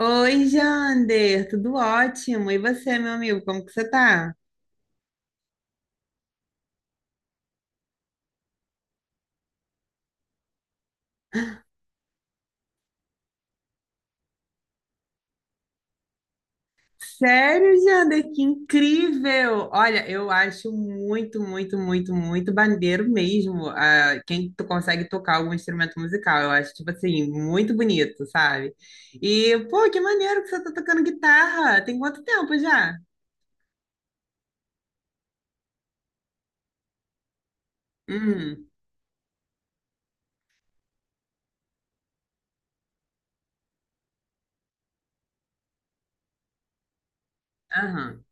Oi, Jander, tudo ótimo. E você, meu amigo, como que você tá? Sério, Jander, que incrível! Olha, eu acho muito, muito, muito, muito bandeiro mesmo, quem tu consegue tocar algum instrumento musical. Eu acho, tipo assim, muito bonito, sabe? E, pô, que maneiro que você tá tocando guitarra. Tem quanto tempo já? Hum. Aham.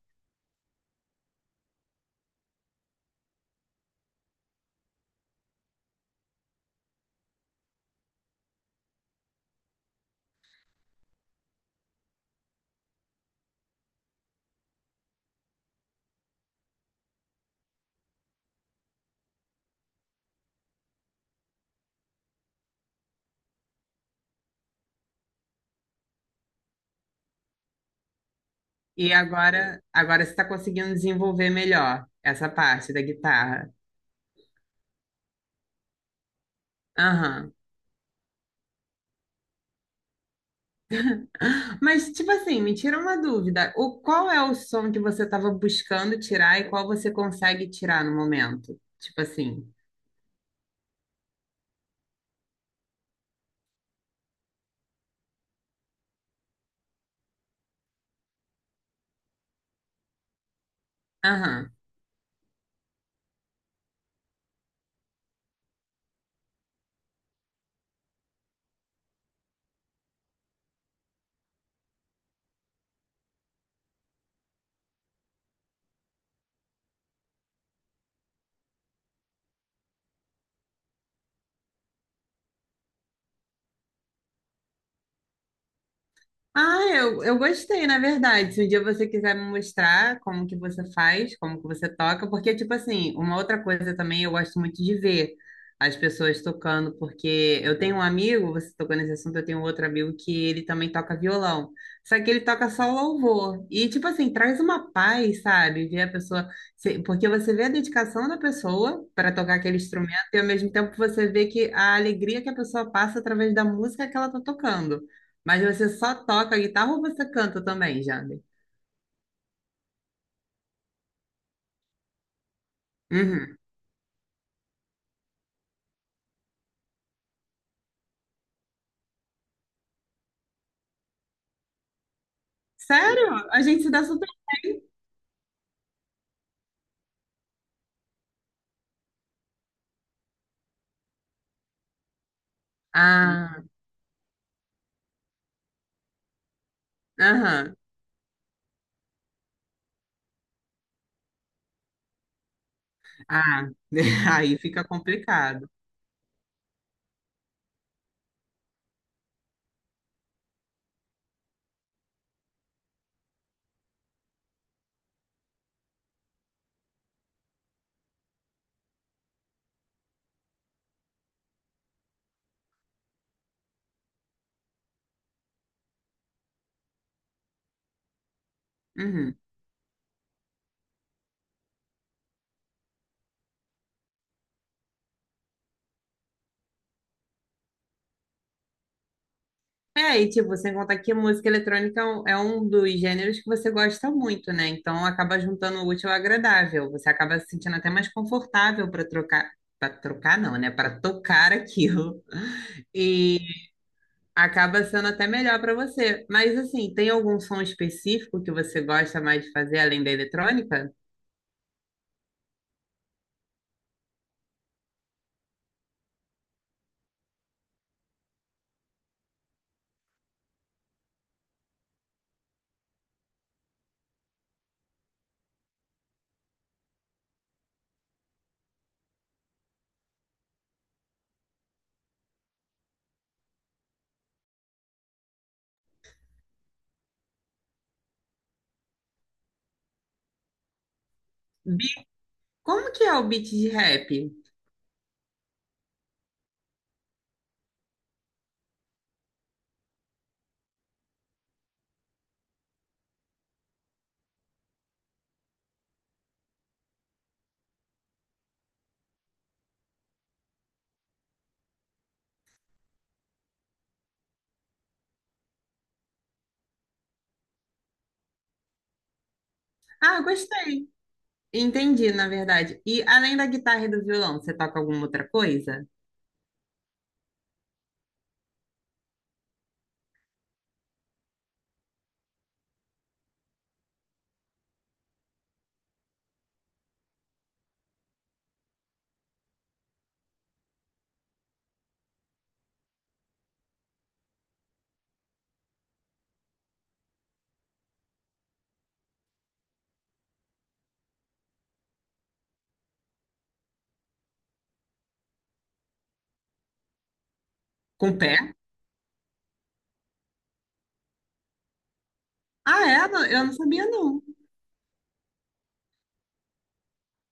E agora você tá conseguindo desenvolver melhor essa parte da guitarra. Aham. Mas, tipo assim, me tira uma dúvida. O, qual é o som que você estava buscando tirar e qual você consegue tirar no momento? Tipo assim. Aham. Ah, eu gostei, na verdade. Se um dia você quiser me mostrar como que você faz, como que você toca, porque, tipo assim, uma outra coisa também eu gosto muito de ver as pessoas tocando, porque eu tenho um amigo, você tocou nesse assunto, eu tenho outro amigo que ele também toca violão, só que ele toca só louvor. E, tipo assim, traz uma paz, sabe? Ver a pessoa, porque você vê a dedicação da pessoa para tocar aquele instrumento e, ao mesmo tempo, você vê que a alegria que a pessoa passa através da música que ela tá tocando. Mas você só toca guitarra ou você canta também, Jander? Uhum. Sério? A gente se dá super. Ah. Aham. Ah, aí fica complicado. Uhum. É, e tipo, sem contar que música eletrônica é um dos gêneros que você gosta muito, né? Então acaba juntando o útil ao agradável. Você acaba se sentindo até mais confortável para trocar não, né? Para tocar aquilo. Acaba sendo até melhor para você. Mas assim, tem algum som específico que você gosta mais de fazer além da eletrônica? Bi- Como que é o beat de rap? Ah, gostei. Entendi, na verdade. E além da guitarra e do violão, você toca alguma outra coisa? Com o pé? Ah, é? Não. Eu não sabia, não.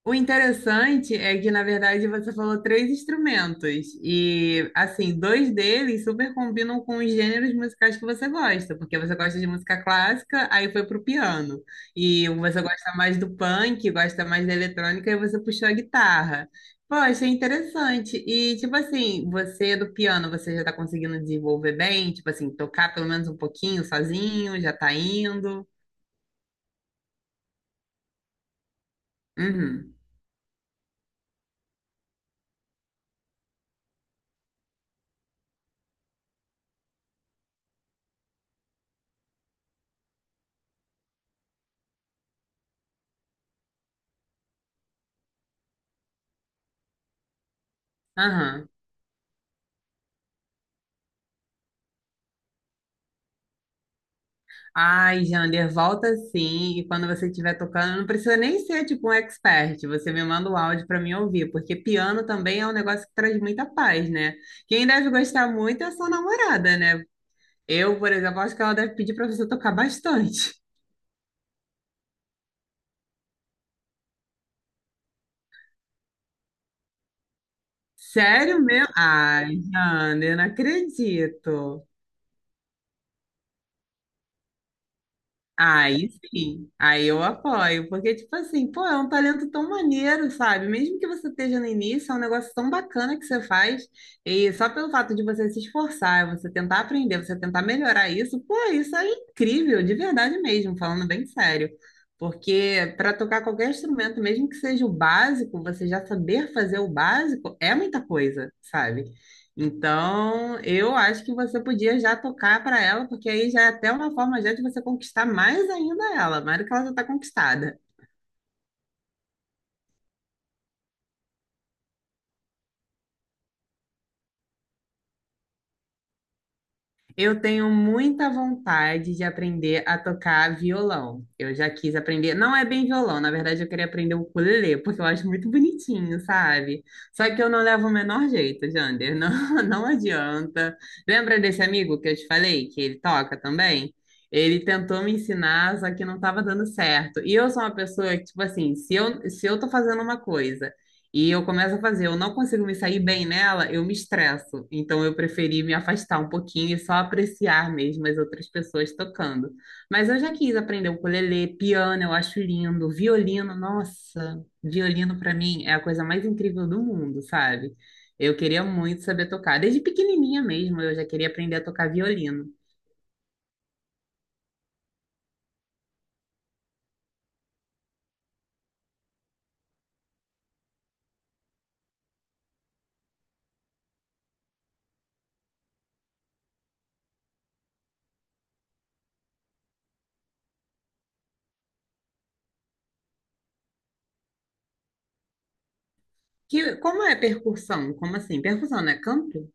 O interessante é que, na verdade, você falou três instrumentos. E, assim, dois deles super combinam com os gêneros musicais que você gosta, porque você gosta de música clássica, aí foi pro piano. E você gosta mais do punk, gosta mais da eletrônica, e você puxou a guitarra. Pô, achei interessante. E, tipo assim, você do piano, você já tá conseguindo desenvolver bem? Tipo assim, tocar pelo menos um pouquinho sozinho, já tá indo? Uhum. Aham. Ai, Jander, volta sim. E quando você estiver tocando, não precisa nem ser tipo um expert. Você me manda o áudio para mim ouvir, porque piano também é um negócio que traz muita paz, né? Quem deve gostar muito é a sua namorada, né? Eu, por exemplo, acho que ela deve pedir para você tocar bastante. Sério mesmo? Ai, Jander, não acredito. Aí sim, aí eu apoio, porque, tipo assim, pô, é um talento tão maneiro, sabe? Mesmo que você esteja no início, é um negócio tão bacana que você faz, e só pelo fato de você se esforçar, você tentar aprender, você tentar melhorar isso, pô, isso é incrível, de verdade mesmo, falando bem sério. Porque para tocar qualquer instrumento, mesmo que seja o básico, você já saber fazer o básico é muita coisa, sabe? Então, eu acho que você podia já tocar para ela, porque aí já é até uma forma já de você conquistar mais ainda ela, mais do que ela já está conquistada. Eu tenho muita vontade de aprender a tocar violão. Eu já quis aprender, não é bem violão, na verdade eu queria aprender o ukulele, porque eu acho muito bonitinho, sabe? Só que eu não levo o menor jeito, Jander, não, não adianta. Lembra desse amigo que eu te falei, que ele toca também? Ele tentou me ensinar, só que não estava dando certo. E eu sou uma pessoa que, tipo assim, se eu tô fazendo uma coisa e eu começo a fazer, eu não consigo me sair bem nela, eu me estresso. Então eu preferi me afastar um pouquinho e só apreciar mesmo as outras pessoas tocando. Mas eu já quis aprender ukulele, piano, eu acho lindo, violino, nossa, violino para mim é a coisa mais incrível do mundo, sabe? Eu queria muito saber tocar. Desde pequenininha mesmo, eu já queria aprender a tocar violino. Que, como é percussão? Como assim? Percussão, né? Canto?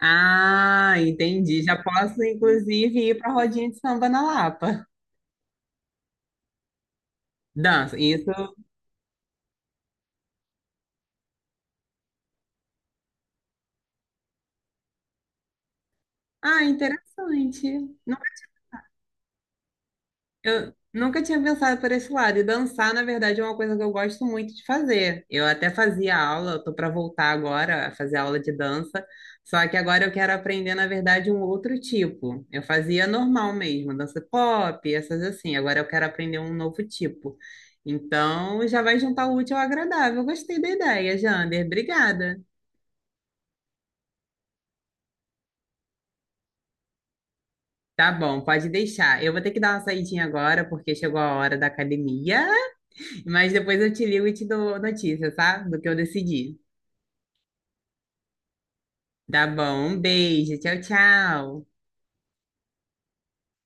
Ah, entendi. Já posso, inclusive, ir para rodinha de samba na Lapa. Dança, isso. Ah, interessante. Eu nunca tinha pensado por esse lado. E dançar, na verdade, é uma coisa que eu gosto muito de fazer. Eu até fazia aula, eu tô para voltar agora a fazer aula de dança, só que agora eu quero aprender, na verdade, um outro tipo. Eu fazia normal mesmo, dança pop, essas assim. Agora eu quero aprender um novo tipo. Então, já vai juntar o útil ao agradável. Gostei da ideia, Jander. Obrigada. Tá bom, pode deixar. Eu vou ter que dar uma saidinha agora, porque chegou a hora da academia. Mas depois eu te ligo e te dou notícia, tá? Do que eu decidi. Tá bom, um beijo, tchau, tchau.